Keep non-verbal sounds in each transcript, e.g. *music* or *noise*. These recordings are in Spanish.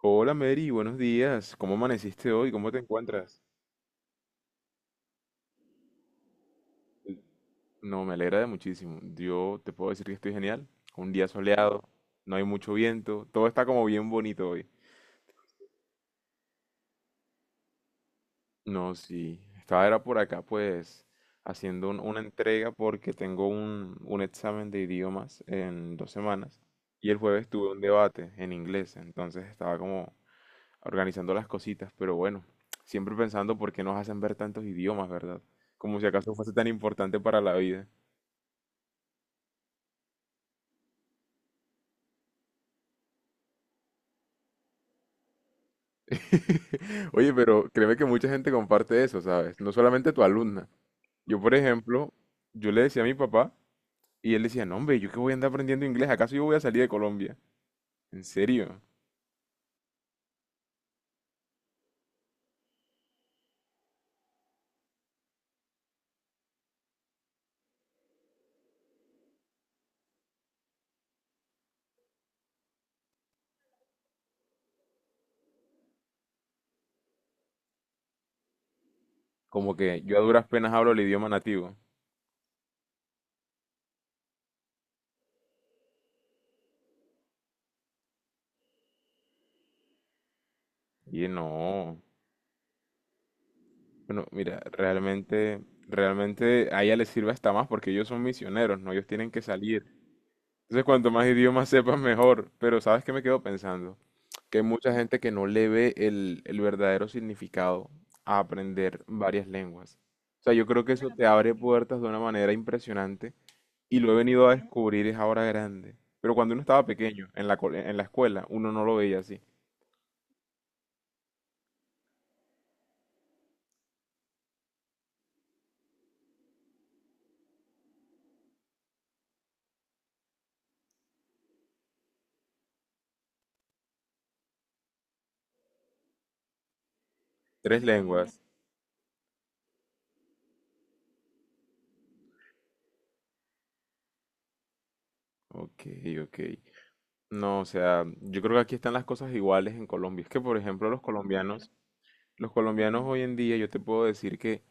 Hola Mary, buenos días. ¿Cómo amaneciste hoy? ¿Cómo te encuentras? No, me alegra de muchísimo. Yo te puedo decir que estoy genial. Un día soleado, no hay mucho viento, todo está como bien bonito hoy. No, sí. Estaba era por acá pues haciendo una entrega porque tengo un examen de idiomas en 2 semanas, y el jueves tuve un debate en inglés, entonces estaba como organizando las cositas, pero bueno, siempre pensando por qué nos hacen ver tantos idiomas, ¿verdad? Como si acaso fuese tan importante para la vida. *laughs* Oye, pero créeme que mucha gente comparte eso, ¿sabes? No solamente tu alumna. Yo, por ejemplo, yo le decía a mi papá, y él decía, no, hombre, ¿yo qué voy a andar aprendiendo inglés? ¿Acaso yo voy a salir de Colombia? ¿En serio? Como que yo a duras penas hablo el idioma nativo. Y él, no. Bueno, mira, realmente a ella les sirve hasta más porque ellos son misioneros, ¿no? Ellos tienen que salir. Entonces, cuanto más idiomas sepas, mejor. Pero ¿sabes qué me quedo pensando? Que hay mucha gente que no le ve el verdadero significado a aprender varias lenguas. O sea, yo creo que eso te abre puertas de una manera impresionante, y lo he venido a descubrir es ahora grande. Pero cuando uno estaba pequeño, en la escuela, uno no lo veía así. Tres lenguas. Ok, ok. No, o sea, yo creo que aquí están las cosas iguales en Colombia. Es que, por ejemplo, los colombianos hoy en día, yo te puedo decir que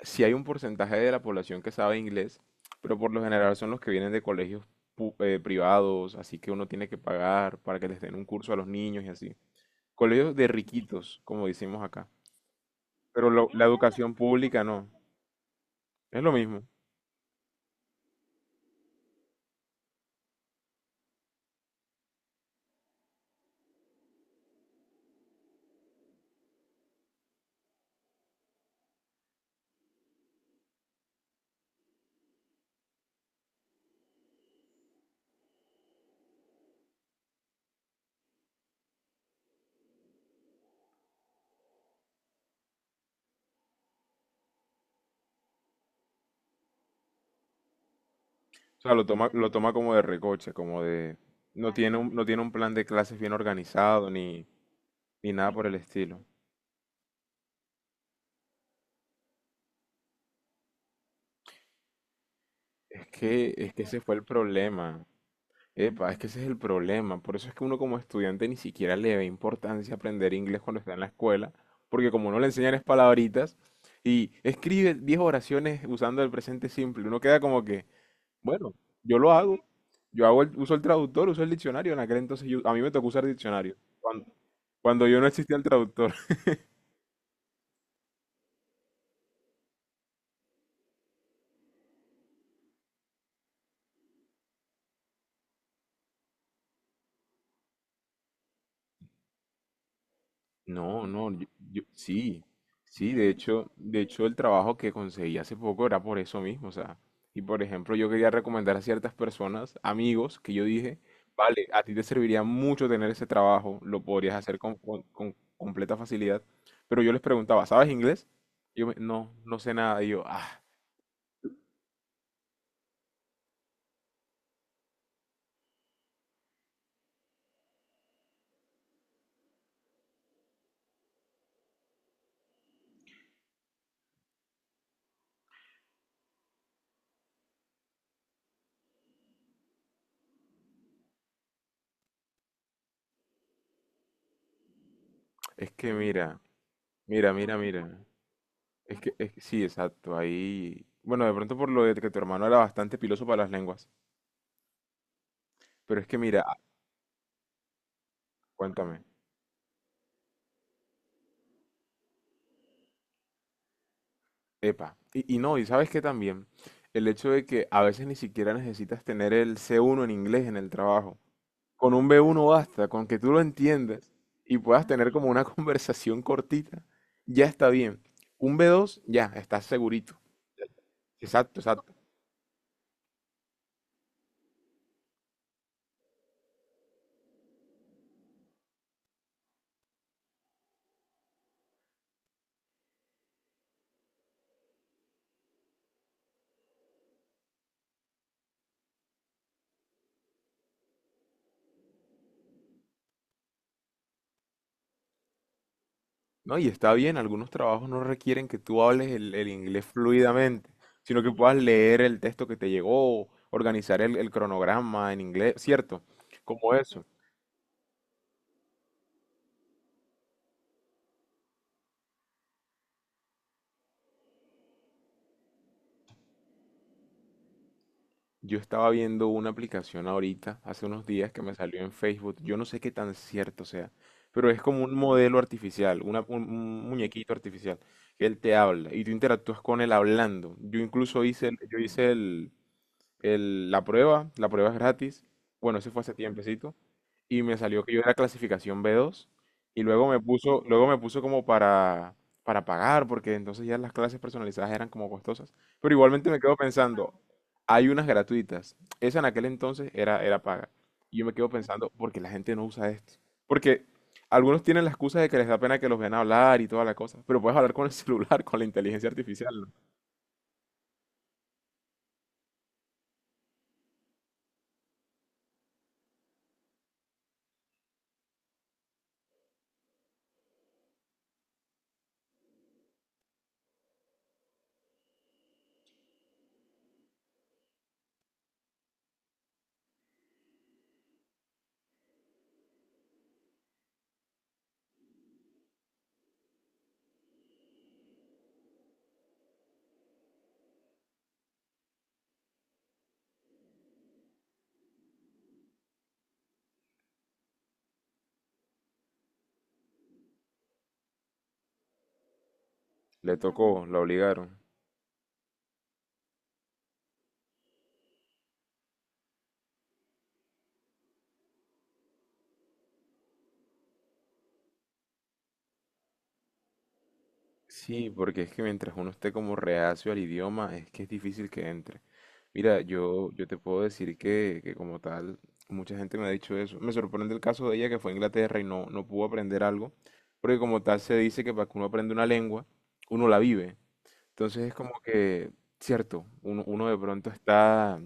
si hay un porcentaje de la población que sabe inglés, pero por lo general son los que vienen de colegios privados, así que uno tiene que pagar para que les den un curso a los niños y así. Colegios de riquitos, como decimos acá. Pero la educación pública no, es lo mismo. O sea, lo toma como de recoche, como de... No tiene un plan de clases bien organizado, ni nada por el estilo. Es que ese fue el problema. Epa, es que ese es el problema. Por eso es que uno como estudiante ni siquiera le ve importancia aprender inglés cuando está en la escuela, porque como no le enseñan es palabritas y escribe 10 oraciones usando el presente simple, uno queda como que, bueno, yo lo hago, yo hago uso el traductor, uso el diccionario. En aquel entonces a mí me tocó usar diccionario, cuando yo no existía el traductor. No, no, sí, sí, de hecho el trabajo que conseguí hace poco era por eso mismo, o sea, y por ejemplo yo quería recomendar a ciertas personas, amigos, que yo dije, vale, a ti te serviría mucho tener ese trabajo, lo podrías hacer con completa facilidad, pero yo les preguntaba, ¿sabes inglés? No, no sé nada, y yo, ah, es que mira, es que sí, exacto, ahí, bueno, de pronto por lo de que tu hermano era bastante piloso para las lenguas, pero es que mira, ah, cuéntame. Epa, y no, y sabes que también el hecho de que a veces ni siquiera necesitas tener el C1 en inglés en el trabajo. Con un B1 basta, con que tú lo entiendas y puedas tener como una *laughs* conversación cortita, ya está bien. Un B2, ya, estás segurito. Exacto, exacto. No, y está bien, algunos trabajos no requieren que tú hables el inglés fluidamente, sino que puedas leer el texto que te llegó, organizar el cronograma en inglés, ¿cierto? Como eso. Yo estaba viendo una aplicación ahorita, hace unos días, que me salió en Facebook. Yo no sé qué tan cierto sea, pero es como un modelo artificial, un muñequito artificial, que él te habla y tú interactúas con él hablando. Yo incluso hice, yo hice la prueba. La prueba es gratis. Bueno, eso fue hace tiempecito. Y me salió que yo era clasificación B2. Y luego me puso como para pagar, porque entonces ya las clases personalizadas eran como costosas. Pero igualmente me quedo pensando, hay unas gratuitas. Esa en aquel entonces era paga. Y yo me quedo pensando, ¿por qué la gente no usa esto? Porque algunos tienen la excusa de que les da pena que los vean hablar y toda la cosa. Pero puedes hablar con el *laughs* celular, con la inteligencia artificial, ¿no? Le tocó, la obligaron. Sí, porque es que mientras uno esté como reacio al idioma, es que es difícil que entre. Mira, yo te puedo decir que, como tal, mucha gente me ha dicho eso. Me sorprende el caso de ella que fue a Inglaterra y no pudo aprender algo, porque como tal se dice que para que uno aprenda una lengua, uno la vive. Entonces es como que, cierto, uno de pronto está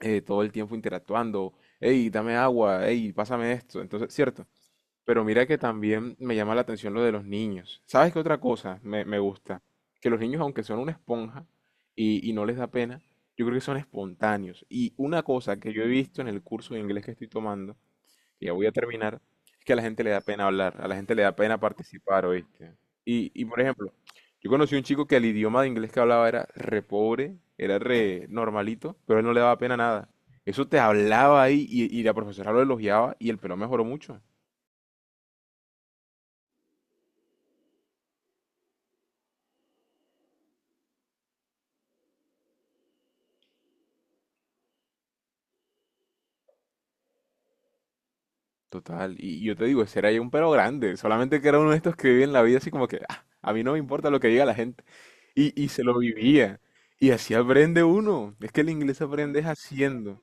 todo el tiempo interactuando, hey, dame agua, hey, pásame esto. Entonces, cierto, pero mira que también me llama la atención lo de los niños. ¿Sabes qué otra cosa me gusta? Que los niños, aunque son una esponja y no les da pena, yo creo que son espontáneos. Y una cosa que yo he visto en el curso de inglés que estoy tomando, que ya voy a terminar, es que a la gente le da pena hablar, a la gente le da pena participar, ¿oíste? Y por ejemplo, yo conocí un chico que el idioma de inglés que hablaba era re pobre, era re normalito, pero a él no le daba pena nada. Eso te hablaba ahí, y la profesora lo elogiaba, y el pelo mejoró mucho. Total, y yo te digo, ese era ya un pero grande, solamente que era uno de estos que viven la vida así como que, "Ah, a mí no me importa lo que diga la gente". Y se lo vivía. Y así aprende uno. Es que el inglés aprendes haciendo.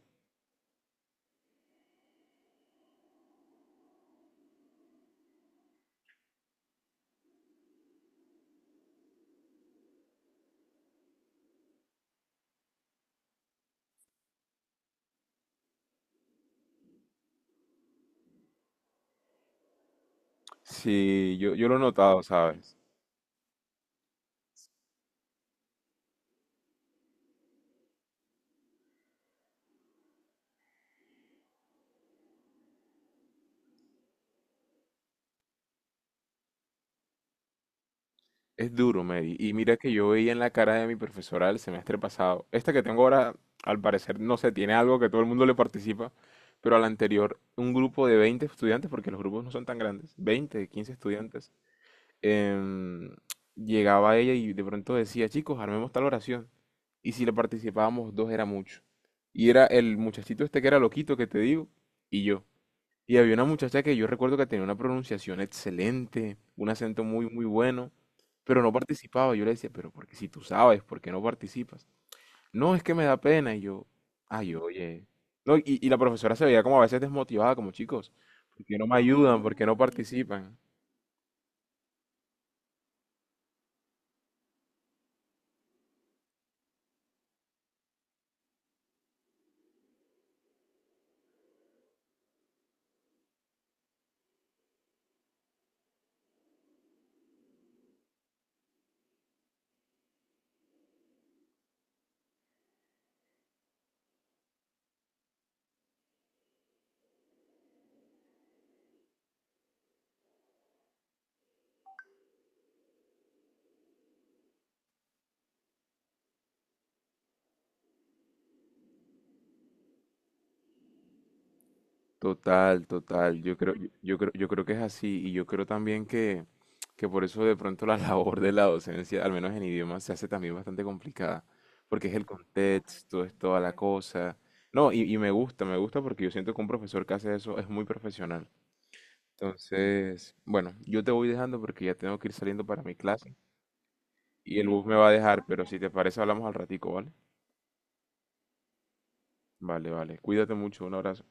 Sí, yo lo he notado, ¿sabes? Es duro, Mary. Y mira que yo veía en la cara de mi profesora el semestre pasado. Esta que tengo ahora, al parecer, no sé, tiene algo que todo el mundo le participa. Pero al anterior, un grupo de 20 estudiantes, porque los grupos no son tan grandes, 20, 15 estudiantes, em, llegaba ella y de pronto decía, chicos, armemos tal oración. Y si le participábamos dos era mucho. Y era el muchachito este que era loquito que te digo, y yo. Y había una muchacha que yo recuerdo que tenía una pronunciación excelente, un acento muy, muy bueno, pero no participaba. Yo le decía, pero porque si tú sabes, ¿por qué no participas? No, es que me da pena. Y yo, ay, oye. No, y la profesora se veía como a veces desmotivada, como chicos, ¿por qué no me ayudan? ¿Por qué no participan? Total, total. Yo creo que es así. Y yo creo también que, por eso de pronto la *laughs* labor de la docencia, al menos en idiomas, se hace también bastante complicada. Porque es el contexto, es toda la cosa. No, y me gusta porque yo siento que un profesor que hace eso es muy profesional. Entonces, bueno, yo te voy dejando porque ya tengo que ir saliendo para mi clase. Y el bus me va a dejar, pero si te parece hablamos al ratico, ¿vale? Vale, vale. Cuídate mucho, un abrazo.